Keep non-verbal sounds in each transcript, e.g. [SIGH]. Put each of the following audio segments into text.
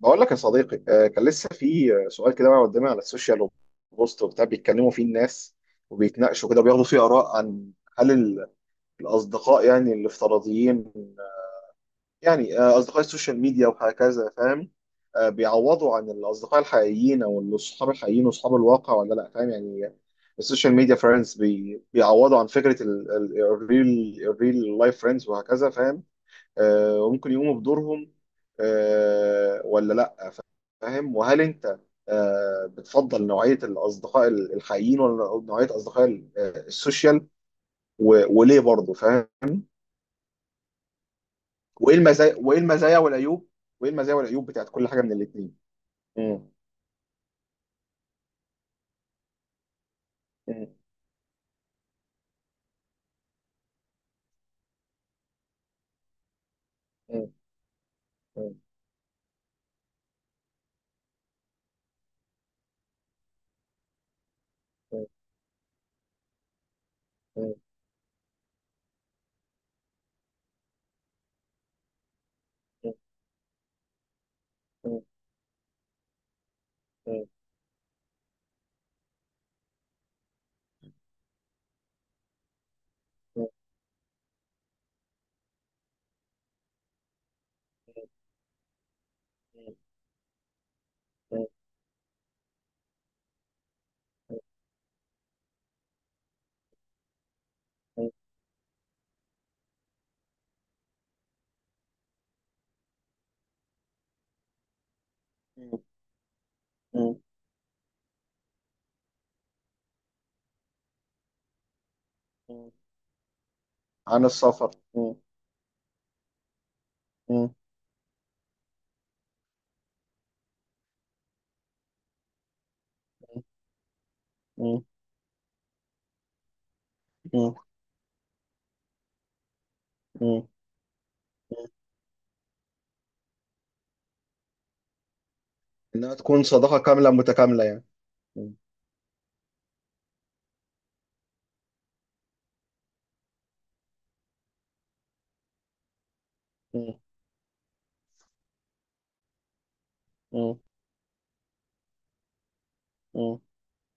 بقول لك يا صديقي، كان لسه في سؤال كده بقى قدامي على السوشيال، وبوست وبتاع بيتكلموا فيه الناس، وبيتناقشوا كده وبياخدوا فيه آراء عن هل الأصدقاء يعني الافتراضيين، يعني أصدقاء السوشيال ميديا وهكذا. فاهم؟ بيعوضوا عن الأصدقاء الحقيقيين أو الأصحاب الحقيقيين وأصحاب الواقع ولا لأ؟ فاهم يعني السوشيال ميديا فريندز بيعوضوا عن فكرة الريل لايف فريندز وهكذا. فاهم؟ وممكن يقوموا بدورهم، ولا؟ فاهم. وهل انت بتفضل نوعيه الاصدقاء الحقيقيين ولا نوعيه اصدقاء السوشيال؟ وليه برضه؟ فاهم. وايه المزايا وايه المزايا والعيوب وايه المزايا والعيوب بتاعت كل حاجه من الاثنين؟ عن السفر. انها تكون صداقه كامله متكامله يعني.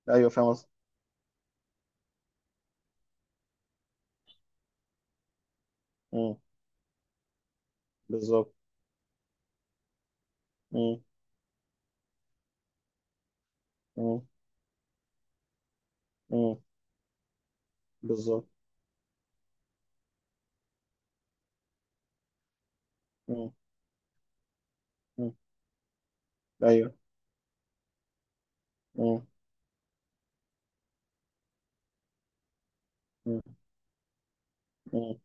ايوه فاهم قصدي. مم. بالظبط. مم. مم. مم. بالظبط. مم. مم. ايوه. مم. مم.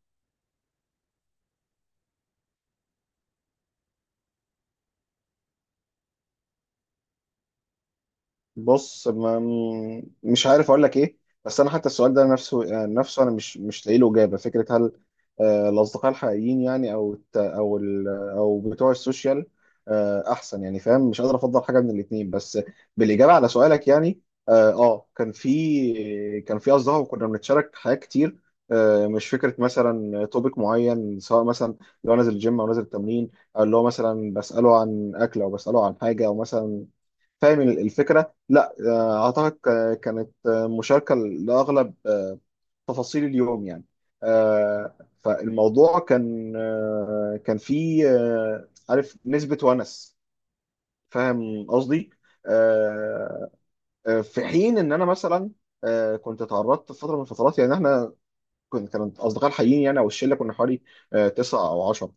بص، ما مش عارف اقول لك ايه. بس انا حتى السؤال ده نفسه يعني، نفسه انا مش لاقي له اجابه. فكره، هل الاصدقاء الحقيقيين يعني او الت- او ال- او بتوع السوشيال احسن؟ يعني فاهم، مش قادر افضل حاجه من الاثنين. بس بالاجابه على سؤالك يعني كان في اصدقاء وكنا بنتشارك حاجات كتير. مش فكره مثلا توبيك معين، سواء مثلا لو نازل الجيم او نازل التمرين، او اللي هو مثلا بساله عن اكل او بساله عن حاجه او مثلا. فاهم الفكرة؟ لا أعتقد كانت مشاركة لأغلب تفاصيل اليوم يعني. آه، فالموضوع كان كان فيه عارف، نسبة ونس. فاهم قصدي؟ آه، في حين إن أنا مثلا كنت اتعرضت في فترة من الفترات. يعني إحنا كانت اصدقاء الحقيقيين يعني او الشله، كنا حوالي آه، تسعه او 10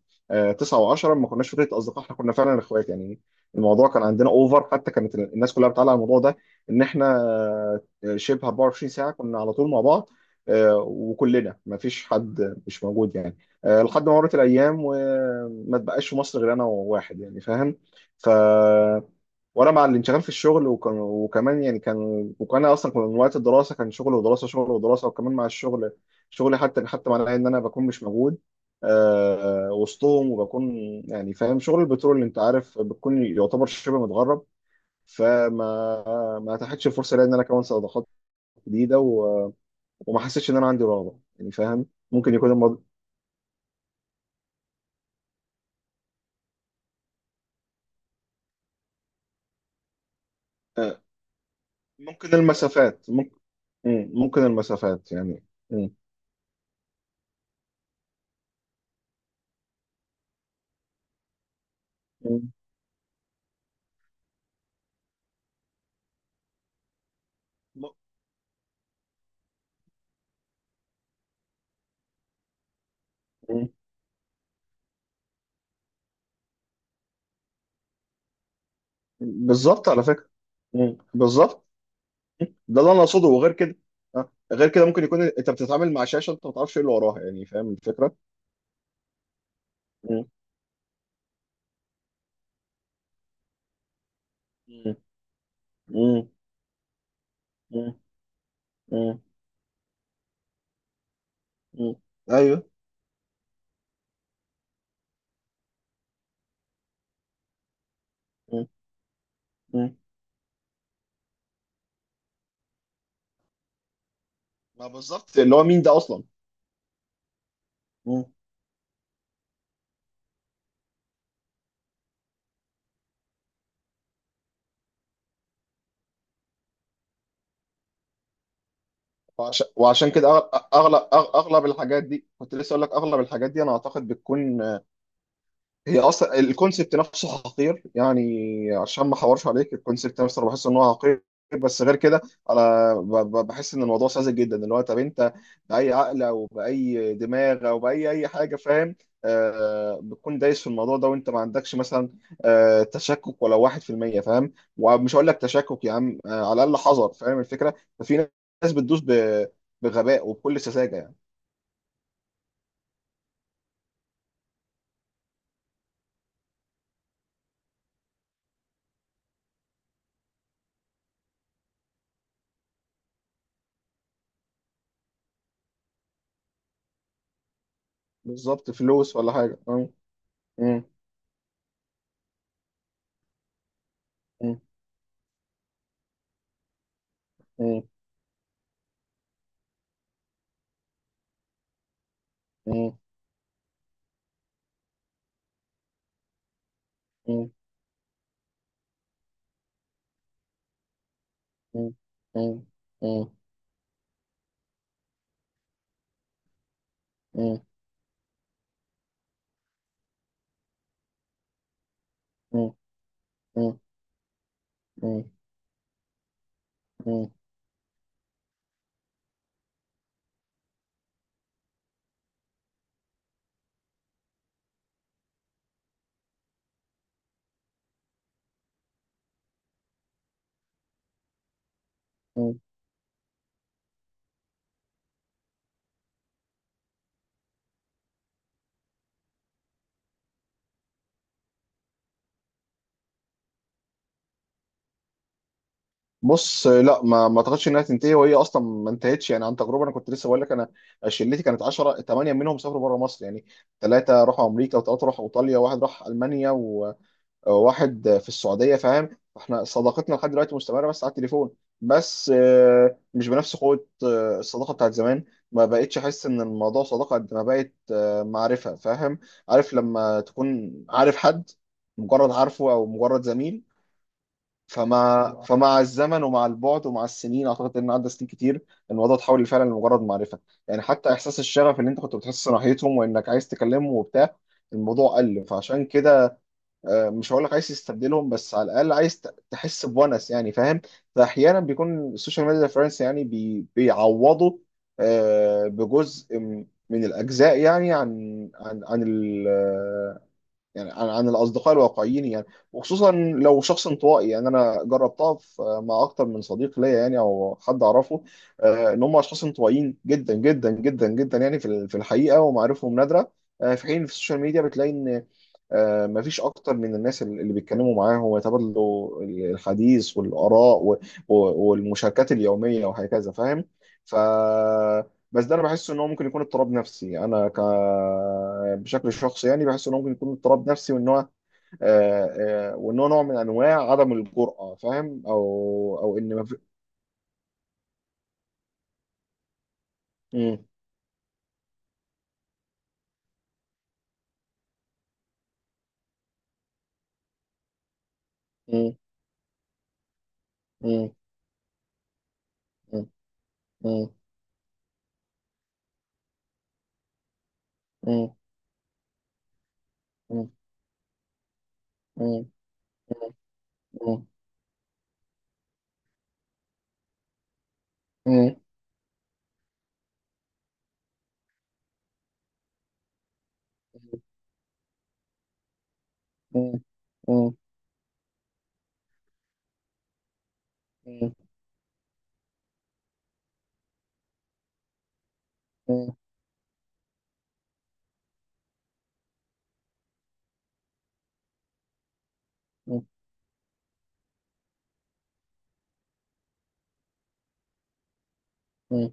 تسعه او 10. ما كناش فكره اصدقاء، احنا كنا فعلا اخوات يعني. الموضوع كان عندنا اوفر، حتى كانت الناس كلها بتعلق على الموضوع ده، ان احنا شبه 24 ساعه كنا على طول مع بعض. وكلنا، ما فيش حد مش موجود يعني. لحد ما مرت الايام وما تبقاش في مصر غير انا وواحد يعني. فاهم. ف وانا مع الانشغال في الشغل، وكمان يعني كان اصلا، كان من وقت الدراسه، كان شغل ودراسه، شغل ودراسه، وكمان مع الشغل شغلي حتى. معناه ان انا بكون مش موجود وسطهم، وبكون يعني فاهم شغل البترول اللي انت عارف بتكون يعتبر شبه متغرب. ما اتاحتش الفرصه ليا ان انا اكون صداقات جديده وما حسيتش ان انا عندي رغبه يعني. فاهم. ممكن يكون المض... آه ممكن المسافات، ممكن. مم، ممكن المسافات يعني. مم. مم. بالظبط على فكره. مم. بالظبط. مم. ده اللي انا اقصده، وغير كده. أه. غير كده ممكن يكون انت بتتعامل مع شاشه، انت ما تعرفش ايه اللي وراها يعني. فاهم الفكره؟ مم. مم. مم. مم. مم. مم. ايوه. مم. مم. ما بالظبط، اللي هو مين ده اصلا؟ مم. وعشان كده اغلب اغلب الحاجات دي، كنت لسه اقول لك اغلب الحاجات دي، انا اعتقد بتكون هي اصلا الكونسبت نفسه حقير يعني. عشان ما احورش عليك، الكونسبت نفسه انا بحس ان هو حقير. بس غير كده انا بحس ان الموضوع ساذج جدا. اللي هو، طب انت باي عقل او باي دماغ او باي اي حاجه فاهم بتكون دايس في الموضوع ده، وانت ما عندكش مثلا تشكك ولو 1%؟ فاهم. ومش هقول لك تشكك، يا عم على الاقل حذر. فاهم الفكره؟ ففي ناس بتدوس بغباء وبكل سذاجه يعني. بالظبط، فلوس ولا حاجه. مم. مم. مم. مم. مم. [LAUGHS] مم. مم. مم. مم. مم. مم. مم. مم. مم. بص، لا، ما اعتقدش انها تنتهي، وهي اصلا ما انتهتش يعني. عن تجربه، انا كنت لسه بقول لك انا، شلتي كانت 10، 8 منهم سافروا بره مصر يعني. ثلاثه راحوا امريكا، وثلاثه راحوا ايطاليا، وواحد راح المانيا، واحد في السعوديه. فاهم. احنا صداقتنا لحد دلوقتي مستمره بس على التليفون. بس مش بنفس قوه الصداقه بتاعت زمان. ما بقتش احس ان الموضوع صداقه قد ما بقت معرفه. فاهم؟ عارف لما تكون عارف حد، مجرد عارفه او مجرد زميل. فمع الزمن ومع البعد ومع السنين، اعتقد ان عدى سنين كتير، الموضوع اتحول فعلا لمجرد معرفه يعني. حتى احساس الشغف اللي انت كنت بتحس ناحيتهم وانك عايز تكلمه وبتاع، الموضوع قل. فعشان كده مش هقول لك عايز تستبدلهم، بس على الاقل عايز تحس بونس يعني. فاهم. فاحيانا بيكون السوشيال ميديا ريفرنس، يعني بيعوضوا بجزء من الاجزاء يعني، عن عن عن ال يعني عن الاصدقاء الواقعيين يعني. وخصوصا لو شخص انطوائي يعني. انا جربتها مع اكتر من صديق ليا يعني، او حد اعرفه ان هم اشخاص انطوائيين جدا جدا جدا جدا يعني في في الحقيقه، ومعارفهم نادره. في حين في السوشيال ميديا بتلاقي ان مفيش اكتر من الناس اللي بيتكلموا معاهم ويتبادلوا الحديث والاراء والمشاركات اليوميه وهكذا. فاهم. ف بس ده انا بحس ان هو ممكن يكون اضطراب نفسي. انا ك بشكل شخصي يعني، بحس ان هو ممكن يكون اضطراب نفسي، وان هو آه، وان هو نوع من انواع عدم الجرأه. فاهم. او ان م- م- م- م- م- م- م- م- م- م- م- م- م- م- م- م-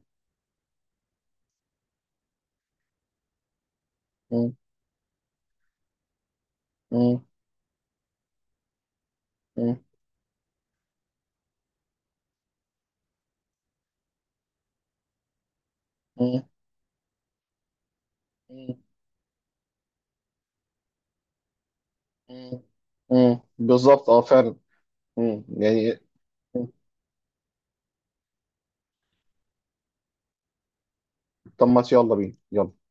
مم. مم. مم. مم. مم. مم. مم. بالظبط. اه، فعلا. مم. يعني. مم. طب ما يلا بينا، يلا.